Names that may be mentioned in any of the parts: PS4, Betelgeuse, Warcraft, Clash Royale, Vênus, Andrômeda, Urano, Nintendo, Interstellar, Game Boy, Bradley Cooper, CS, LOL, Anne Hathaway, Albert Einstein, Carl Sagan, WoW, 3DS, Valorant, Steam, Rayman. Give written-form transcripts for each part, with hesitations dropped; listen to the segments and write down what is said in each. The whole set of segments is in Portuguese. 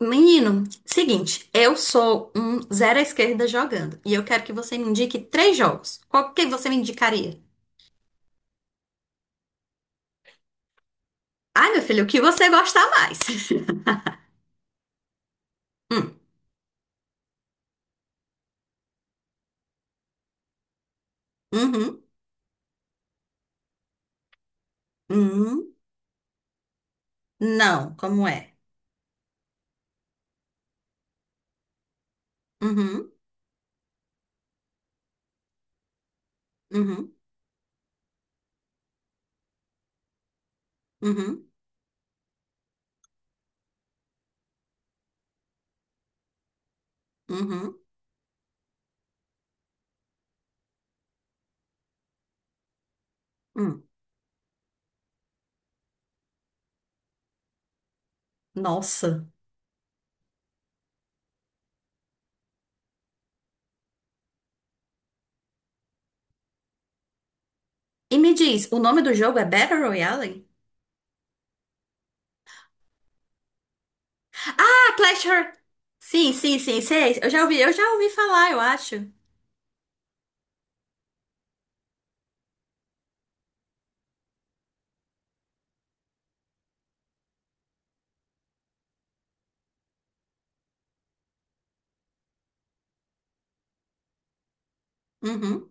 Menino, seguinte, eu sou um zero à esquerda jogando e eu quero que você me indique três jogos. Qual que você me indicaria? Ai, meu filho, o que você gosta mais? Hum, uhum, uhum, não, como é? Uhum, uhum, uhum, uhum, hum. Nossa. E me diz, o nome do jogo é Battle Royale? Ah, Clash Royale. Sim, sim, sim, sei. Eu já ouvi falar, eu acho. Uhum.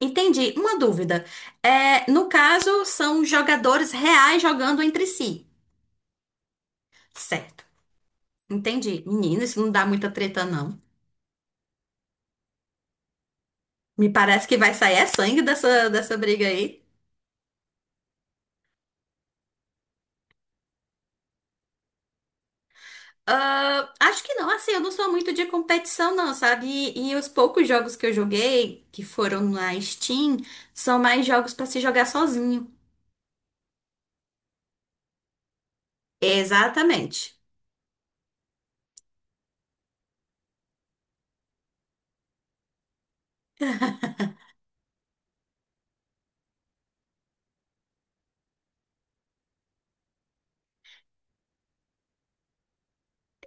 Entendi. Uma dúvida. É, no caso, são jogadores reais jogando entre si. Certo. Entendi. Menina, isso não dá muita treta, não. Me parece que vai sair é sangue dessa briga aí. Ah, acho que não, assim, eu não sou muito de competição, não, sabe? E os poucos jogos que eu joguei, que foram na Steam, são mais jogos pra se jogar sozinho. Exatamente.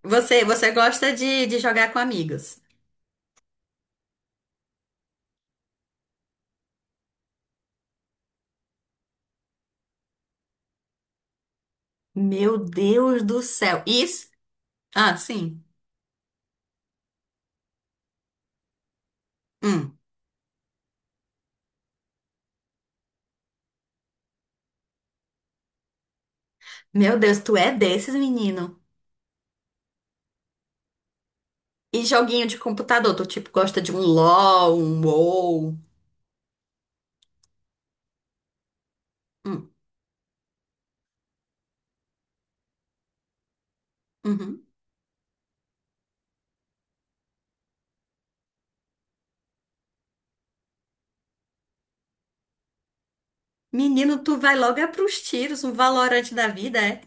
Você gosta de jogar com amigos? Meu Deus do céu. Isso? Ah, sim. Hum. Meu Deus, tu é desses, menino. E joguinho de computador, tu tipo gosta de um LOL, um WoW. Hum, uhum. Menino, tu vai logo é pros tiros, um valorante da vida, é?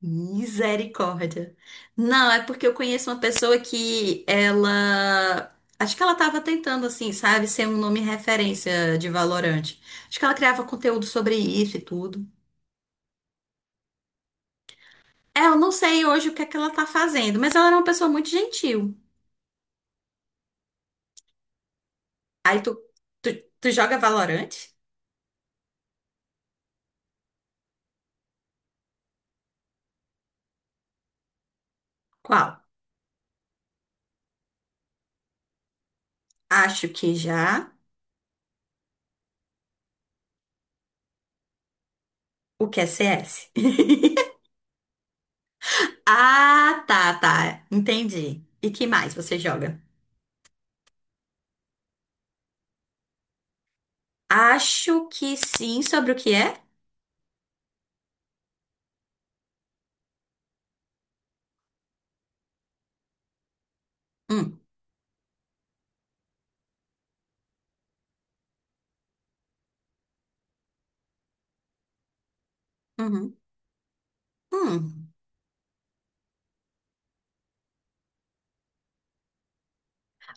Misericórdia. Não, é porque eu conheço uma pessoa que ela. Acho que ela tava tentando, assim, sabe, ser um nome referência de valorante. Acho que ela criava conteúdo sobre isso e tudo. É, eu não sei hoje o que é que ela tá fazendo, mas ela era uma pessoa muito gentil. Aí tu, tu joga valorante? Qual? Acho que já. O que é CS? Ah, tá, tá. Entendi. E que mais você joga? Acho que sim, sobre o que é? Hum, uhum, hum.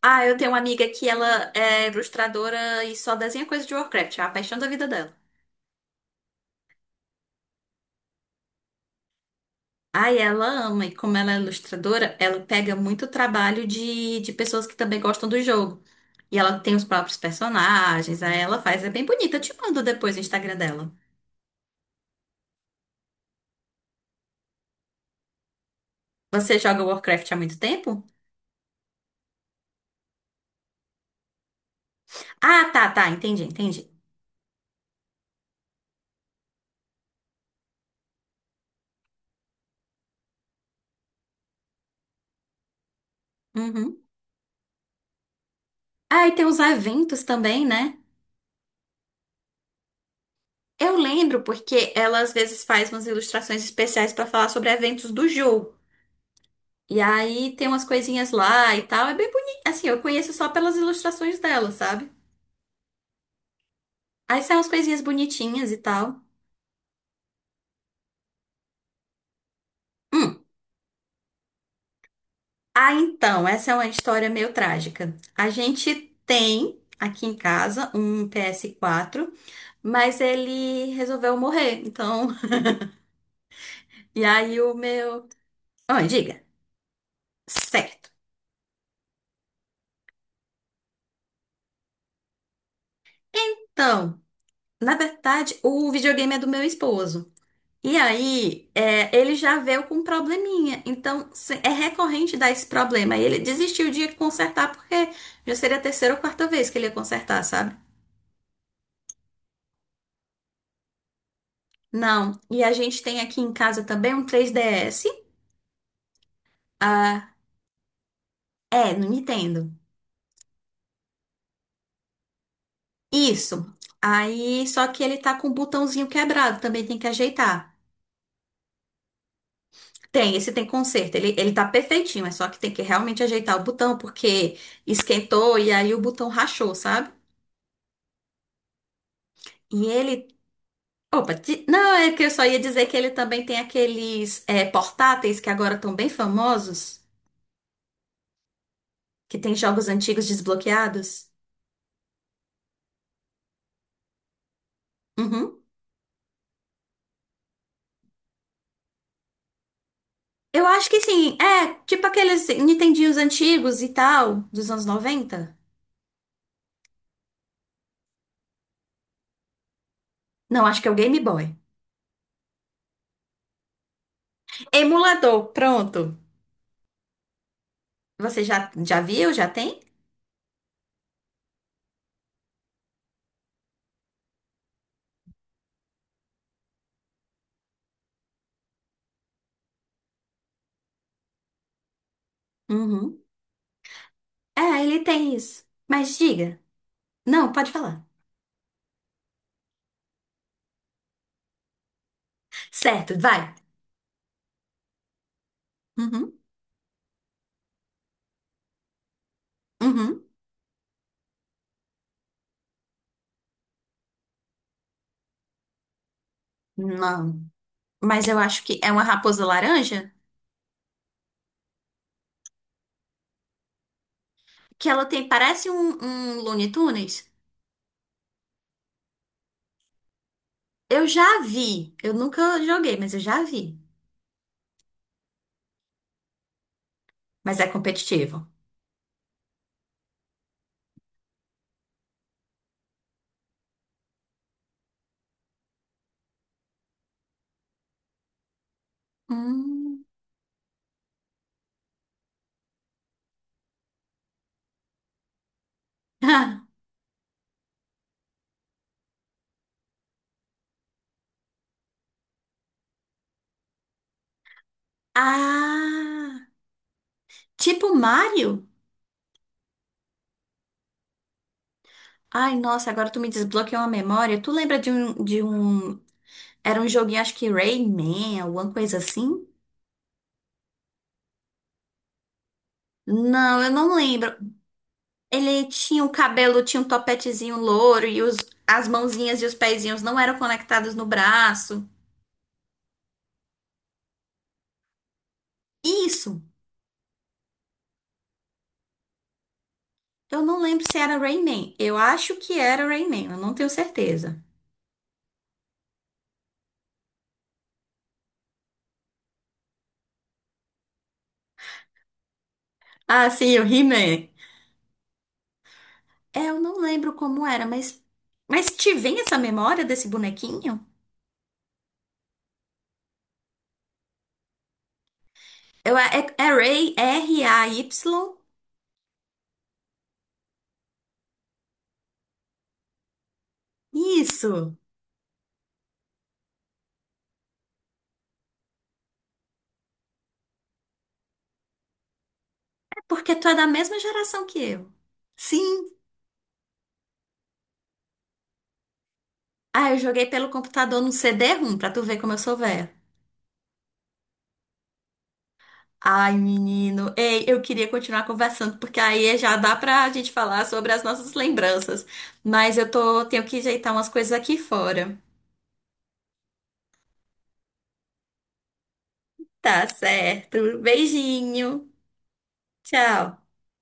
Ah, eu tenho uma amiga que ela é ilustradora e só desenha coisa de Warcraft, é a paixão da vida dela. Ai, ela ama, e como ela é ilustradora, ela pega muito trabalho de pessoas que também gostam do jogo. E ela tem os próprios personagens, aí ela faz, é bem bonita. Eu te mando depois o Instagram dela. Você joga Warcraft há muito tempo? Ah, tá, tá, entendi, entendi. Uhum. Ah, e tem os eventos também, né? Eu lembro porque ela às vezes faz umas ilustrações especiais pra falar sobre eventos do jogo. E aí tem umas coisinhas lá e tal, é bem bonito. Assim, eu conheço só pelas ilustrações dela, sabe? Aí são umas coisinhas bonitinhas e tal. Hum. Ah, então, essa é uma história meio trágica. A gente tem aqui em casa um PS4, mas ele resolveu morrer. Então, e aí o meu. Ah, diga. Certo. Então, na verdade, o videogame é do meu esposo. E aí, é, ele já veio com um probleminha. Então, é recorrente dar esse problema. E ele desistiu de consertar, porque já seria a terceira ou quarta vez que ele ia consertar, sabe? Não. E a gente tem aqui em casa também um 3DS. Ah, é, no Nintendo. Isso. Aí, só que ele tá com um botãozinho quebrado, também tem que ajeitar. Tem, esse tem conserto. Ele tá perfeitinho, é só que tem que realmente ajeitar o botão, porque esquentou e aí o botão rachou, sabe? E ele. Opa, não, é que eu só ia dizer que ele também tem aqueles portáteis que agora estão bem famosos, que tem jogos antigos desbloqueados. Uhum. Eu acho que sim, tipo aqueles Nintendinhos antigos e tal, dos anos noventa. Não, acho que é o Game Boy. Emulador, pronto. Você já viu? Já tem? Uhum. É, ele tem isso. Mas diga. Não, pode falar. Certo, vai. Uhum, uhum. Não. Mas eu acho que é uma raposa laranja que ela tem, parece um, um Looney Tunes. Eu já vi. Eu nunca joguei, mas eu já vi. Mas é competitivo. Hum. Ah, tipo Mario? Ai, nossa, agora tu me desbloqueou uma memória. Tu lembra de um, era um joguinho, acho que Rayman, alguma coisa assim? Não, eu não lembro. Ele tinha o cabelo, tinha um topetezinho louro e as mãozinhas e os pezinhos não eram conectados no braço. Isso! Eu não lembro se era Rayman. Eu acho que era Rayman, eu não tenho certeza. Ah, sim, o He-Man. É, eu não lembro como era, mas. Mas te vem essa memória desse bonequinho? Eu, é, é Ray, Ray? Isso! É porque tu é da mesma geração que eu. Sim! Ah, eu joguei pelo computador no CD-ROM, pra tu ver como eu sou velha. Ai, menino. Ei, eu queria continuar conversando, porque aí já dá pra gente falar sobre as nossas lembranças. Mas eu tenho que ajeitar umas coisas aqui fora. Tá certo. Beijinho. Tchau.